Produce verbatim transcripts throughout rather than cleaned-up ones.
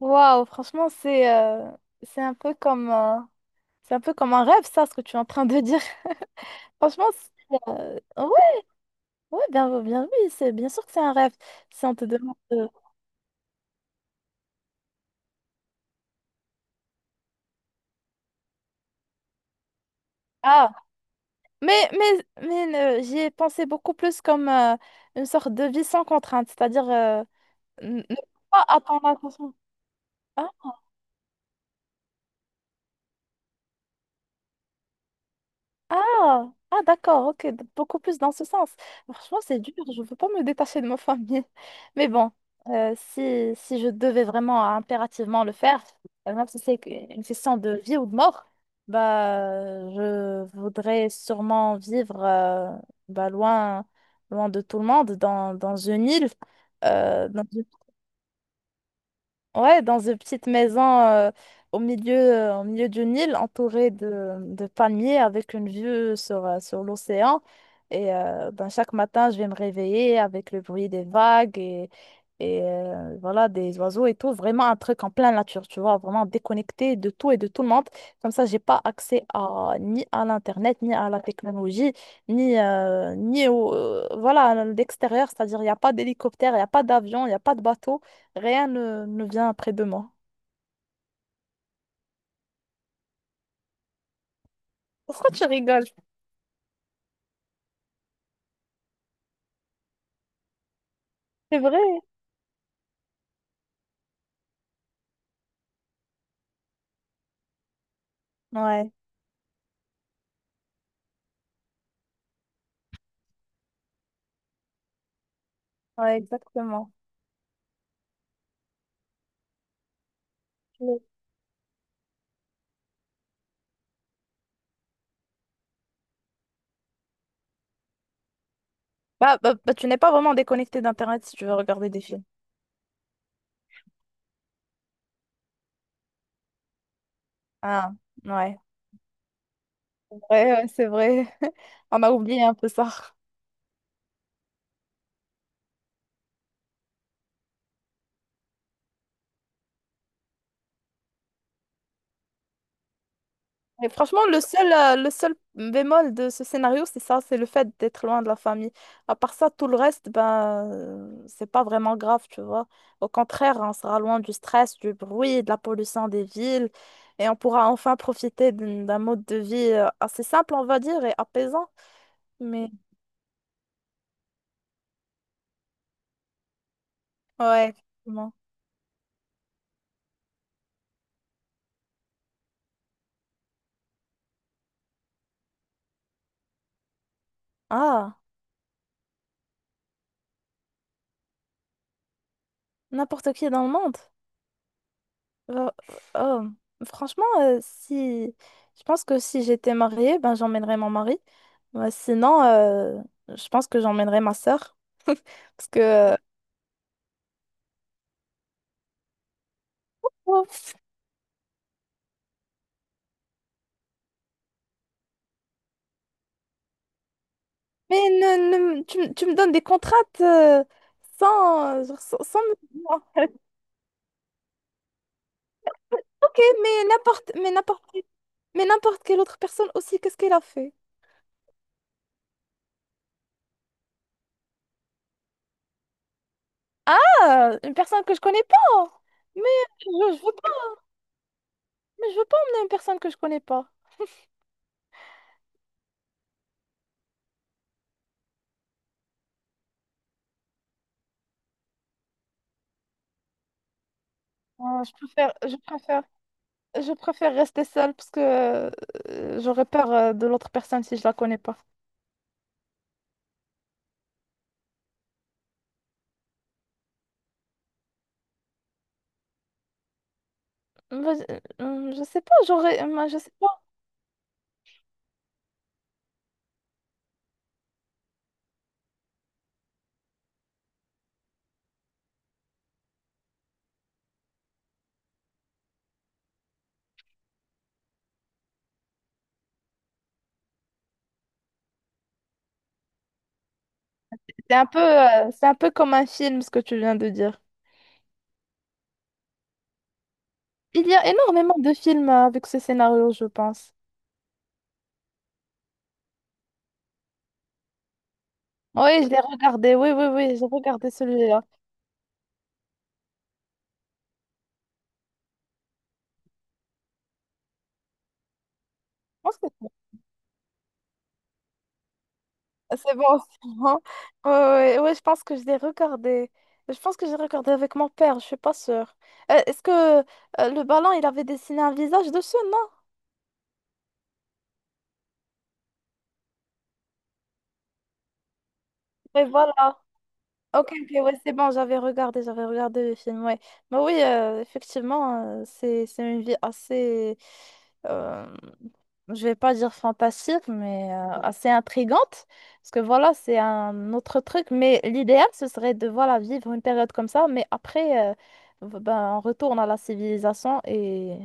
Waouh, franchement, c'est euh, c'est un peu comme euh, c'est un peu comme un rêve, ça, ce que tu es en train de dire. Franchement, c'est, euh, ouais, ouais, bien, bien, oui, c'est bien sûr que c'est un rêve. Si on te demande, de- ah, mais mais mais euh, j'y ai pensé beaucoup plus comme euh, une sorte de vie sans contrainte, c'est-à-dire euh, n- ne pas attendre l'attention. Ah, ah d'accord, ok, d- beaucoup plus dans ce sens. Franchement, c'est dur, je ne veux pas me détacher de ma famille. Mais bon, euh, si, si je devais vraiment impérativement le faire, euh, même si c'est que- une question de vie ou de mort, bah, je voudrais sûrement vivre euh, bah, loin, loin de tout le monde, dans, dans une île, euh, dans Ouais, dans une petite maison euh, au milieu, euh, au milieu d'une île entourée de, de palmiers avec une vue sur, euh, sur l'océan. Et euh, ben, chaque matin, je vais me réveiller avec le bruit des vagues et euh, voilà, des oiseaux et tout, vraiment un truc en pleine nature, tu vois, vraiment déconnecté de tout et de tout le monde. Comme ça, j'ai pas accès à, ni à l'Internet, ni à la technologie, ni, euh, ni au, euh, voilà, à l'extérieur, c'est-à-dire il n'y a pas d'hélicoptère, il n'y a pas d'avion, il n'y a pas de bateau, rien ne, ne vient près de moi. Pourquoi tu rigoles? C'est vrai? Ouais, ouais, exactement. Oui. Bah, bah, bah, tu n'es pas vraiment déconnecté d'Internet si tu veux regarder des films. Ah, ouais, ouais, ouais, c'est vrai. On a oublié un peu ça. Mais franchement, le seul, euh, le seul bémol de ce scénario, c'est ça, c'est le fait d'être loin de la famille. À part ça, tout le reste, ben, euh, c'est pas vraiment grave, tu vois. Au contraire, on sera loin du stress, du bruit, de la pollution des villes, et on pourra enfin profiter d'un d'un mode de vie euh, assez simple, on va dire, et apaisant. Mais ouais, effectivement. Ah, n'importe qui dans le monde. Oh, oh. Franchement, euh, si je pense que si j'étais mariée, ben j'emmènerais mon mari. Ouais, sinon, euh, je pense que j'emmènerais ma sœur. Parce que oh, mais ne, ne- tu, me tu me donnes des contraintes euh, sans, genre, sans, sans me dire, ok, mais n'importe mais n'importe mais n'importe quelle autre personne aussi, qu'est-ce qu'elle a fait? Ah, une personne que je connais pas. Mais je, je veux pas, mais je veux pas emmener une personne que je connais pas. Ah, je préfère, je préfère. Je préfère rester seule parce que euh, j'aurais peur euh, de l'autre personne si je la connais pas. Mais, euh, je sais pas, j'aurais, euh, moi, je sais pas. C'est un peu, euh, c'est un peu comme un film ce que tu viens de dire. Il y a énormément de films euh, avec ce scénario, je pense. Oui, je l'ai regardé. Oui, oui, oui, j'ai regardé celui-là. Je pense que c'est c'est bon. C'est bon. Oui, oui, oui, je pense que je l'ai regardé. Je pense que j'ai regardé avec mon père, je suis pas sûre. Euh, Est-ce que euh, le ballon, il avait dessiné un visage dessus, non? Mais voilà. Ok, ok, ouais, c'est bon, j'avais regardé, j'avais regardé le film, ouais. Mais oui, euh, effectivement, euh, c'est, c'est une vie assez, euh, je vais pas dire fantastique, mais euh, assez intrigante, parce que voilà, c'est un autre truc, mais l'idéal, ce serait de, voilà, vivre une période comme ça, mais après, euh, v- ben, on retourne à la civilisation et,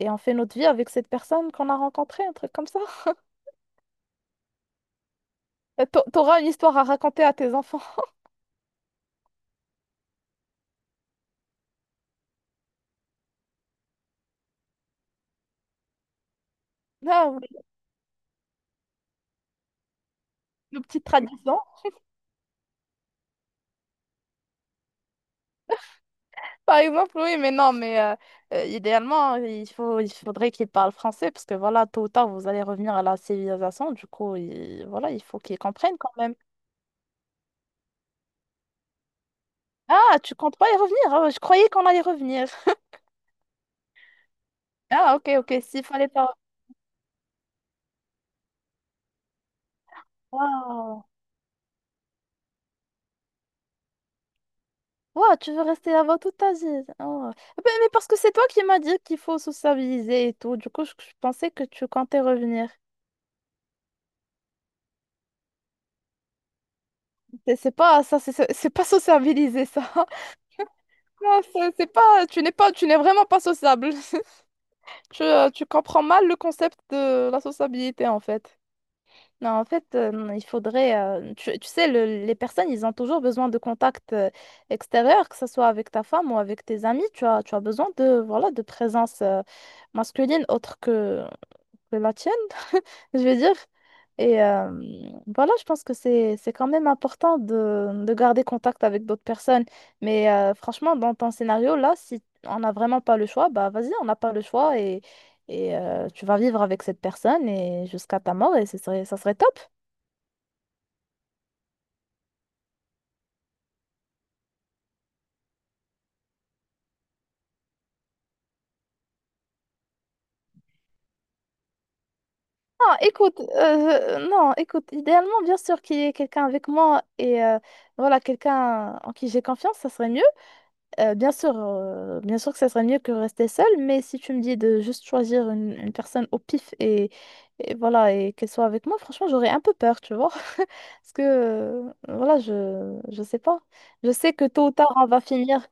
et on fait notre vie avec cette personne qu'on a rencontrée, un truc comme ça. Euh, t'a- T'auras une histoire à raconter à tes enfants. Ah, oui, une petite tradition. Par exemple, oui, mais non, mais euh, euh, idéalement, il faut, il faudrait qu'ils parlent français parce que voilà, tôt ou tard, vous allez revenir à la civilisation. Du coup, il, voilà, il faut qu'ils comprennent quand même. Ah, tu comptes pas y revenir? Ah, je croyais qu'on allait revenir. Ah, ok, ok, s'il fallait pas. Waouh, waouh, tu veux rester là-bas toute ta vie. Oh. Ben, mais, parce que c'est toi qui m'as dit qu'il faut sociabiliser et tout. Du coup, je, je pensais que tu comptais revenir. C'est c'est pas ça, c'est c'est pas sociabiliser ça. Non, c'est c'est pas, tu n'es pas, tu n'es vraiment pas sociable. Tu, euh, tu comprends mal le concept de la sociabilité en fait. Non, en fait, euh, il faudrait. euh, tu, tu sais, le- les personnes, ils ont toujours besoin de contact euh, extérieur, que ce soit avec ta femme ou avec tes amis. Tu as, tu as besoin de, voilà, de présence euh, masculine autre que que la tienne, je veux dire. Et euh, voilà, je pense que c'est c'est quand même important de, de garder contact avec d'autres personnes. Mais euh, franchement, dans ton scénario, là, si on n'a vraiment pas le choix, bah vas-y, on n'a pas le choix et, et euh, tu vas vivre avec cette personne et jusqu'à ta mort et ce serait, ça serait top. Ah, écoute, euh, non, écoute, idéalement, bien sûr qu'il y ait quelqu'un avec moi et euh, voilà, quelqu'un en qui j'ai confiance, ça serait mieux. Euh, bien sûr, euh, bien sûr que ça serait mieux que rester seul, mais si tu me dis de juste choisir une, une personne au pif et, et voilà et qu'elle soit avec moi, franchement, j'aurais un peu peur, tu vois. Parce que euh, voilà, je je sais pas. Je sais que tôt ou tard on va finir.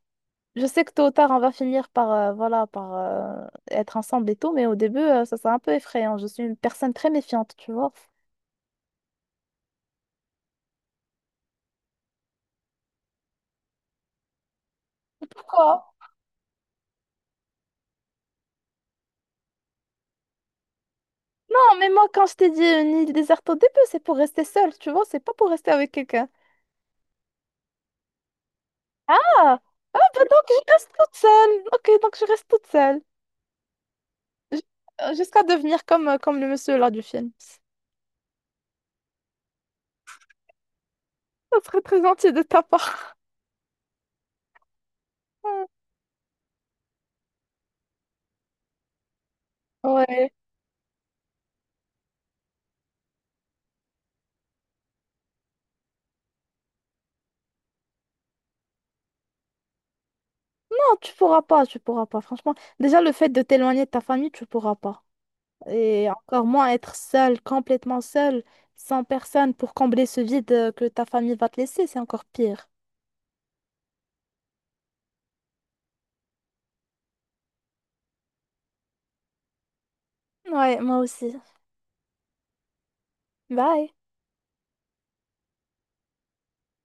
Je sais que tôt ou tard on va finir par euh, voilà par euh, être ensemble et tout, mais au début euh, ça sera un peu effrayant. Je suis une personne très méfiante, tu vois. Pourquoi? Non, mais moi quand je t'ai dit une île déserte au début, c'est pour rester seule, tu vois, c'est pas pour rester avec quelqu'un. Ah, Euh, donc, je reste toute seule. Ok, donc je reste toute seule. J- euh, Jusqu'à devenir comme, euh, comme le monsieur là du film. Ça serait très gentil de ta part. Ouais. Non, tu pourras pas, tu pourras pas. Franchement, déjà le fait de t'éloigner de ta famille, tu pourras pas. Et encore moins être seule, complètement seule, sans personne pour combler ce vide euh, que ta famille va te laisser, c'est encore pire. Ouais, moi aussi. Bye.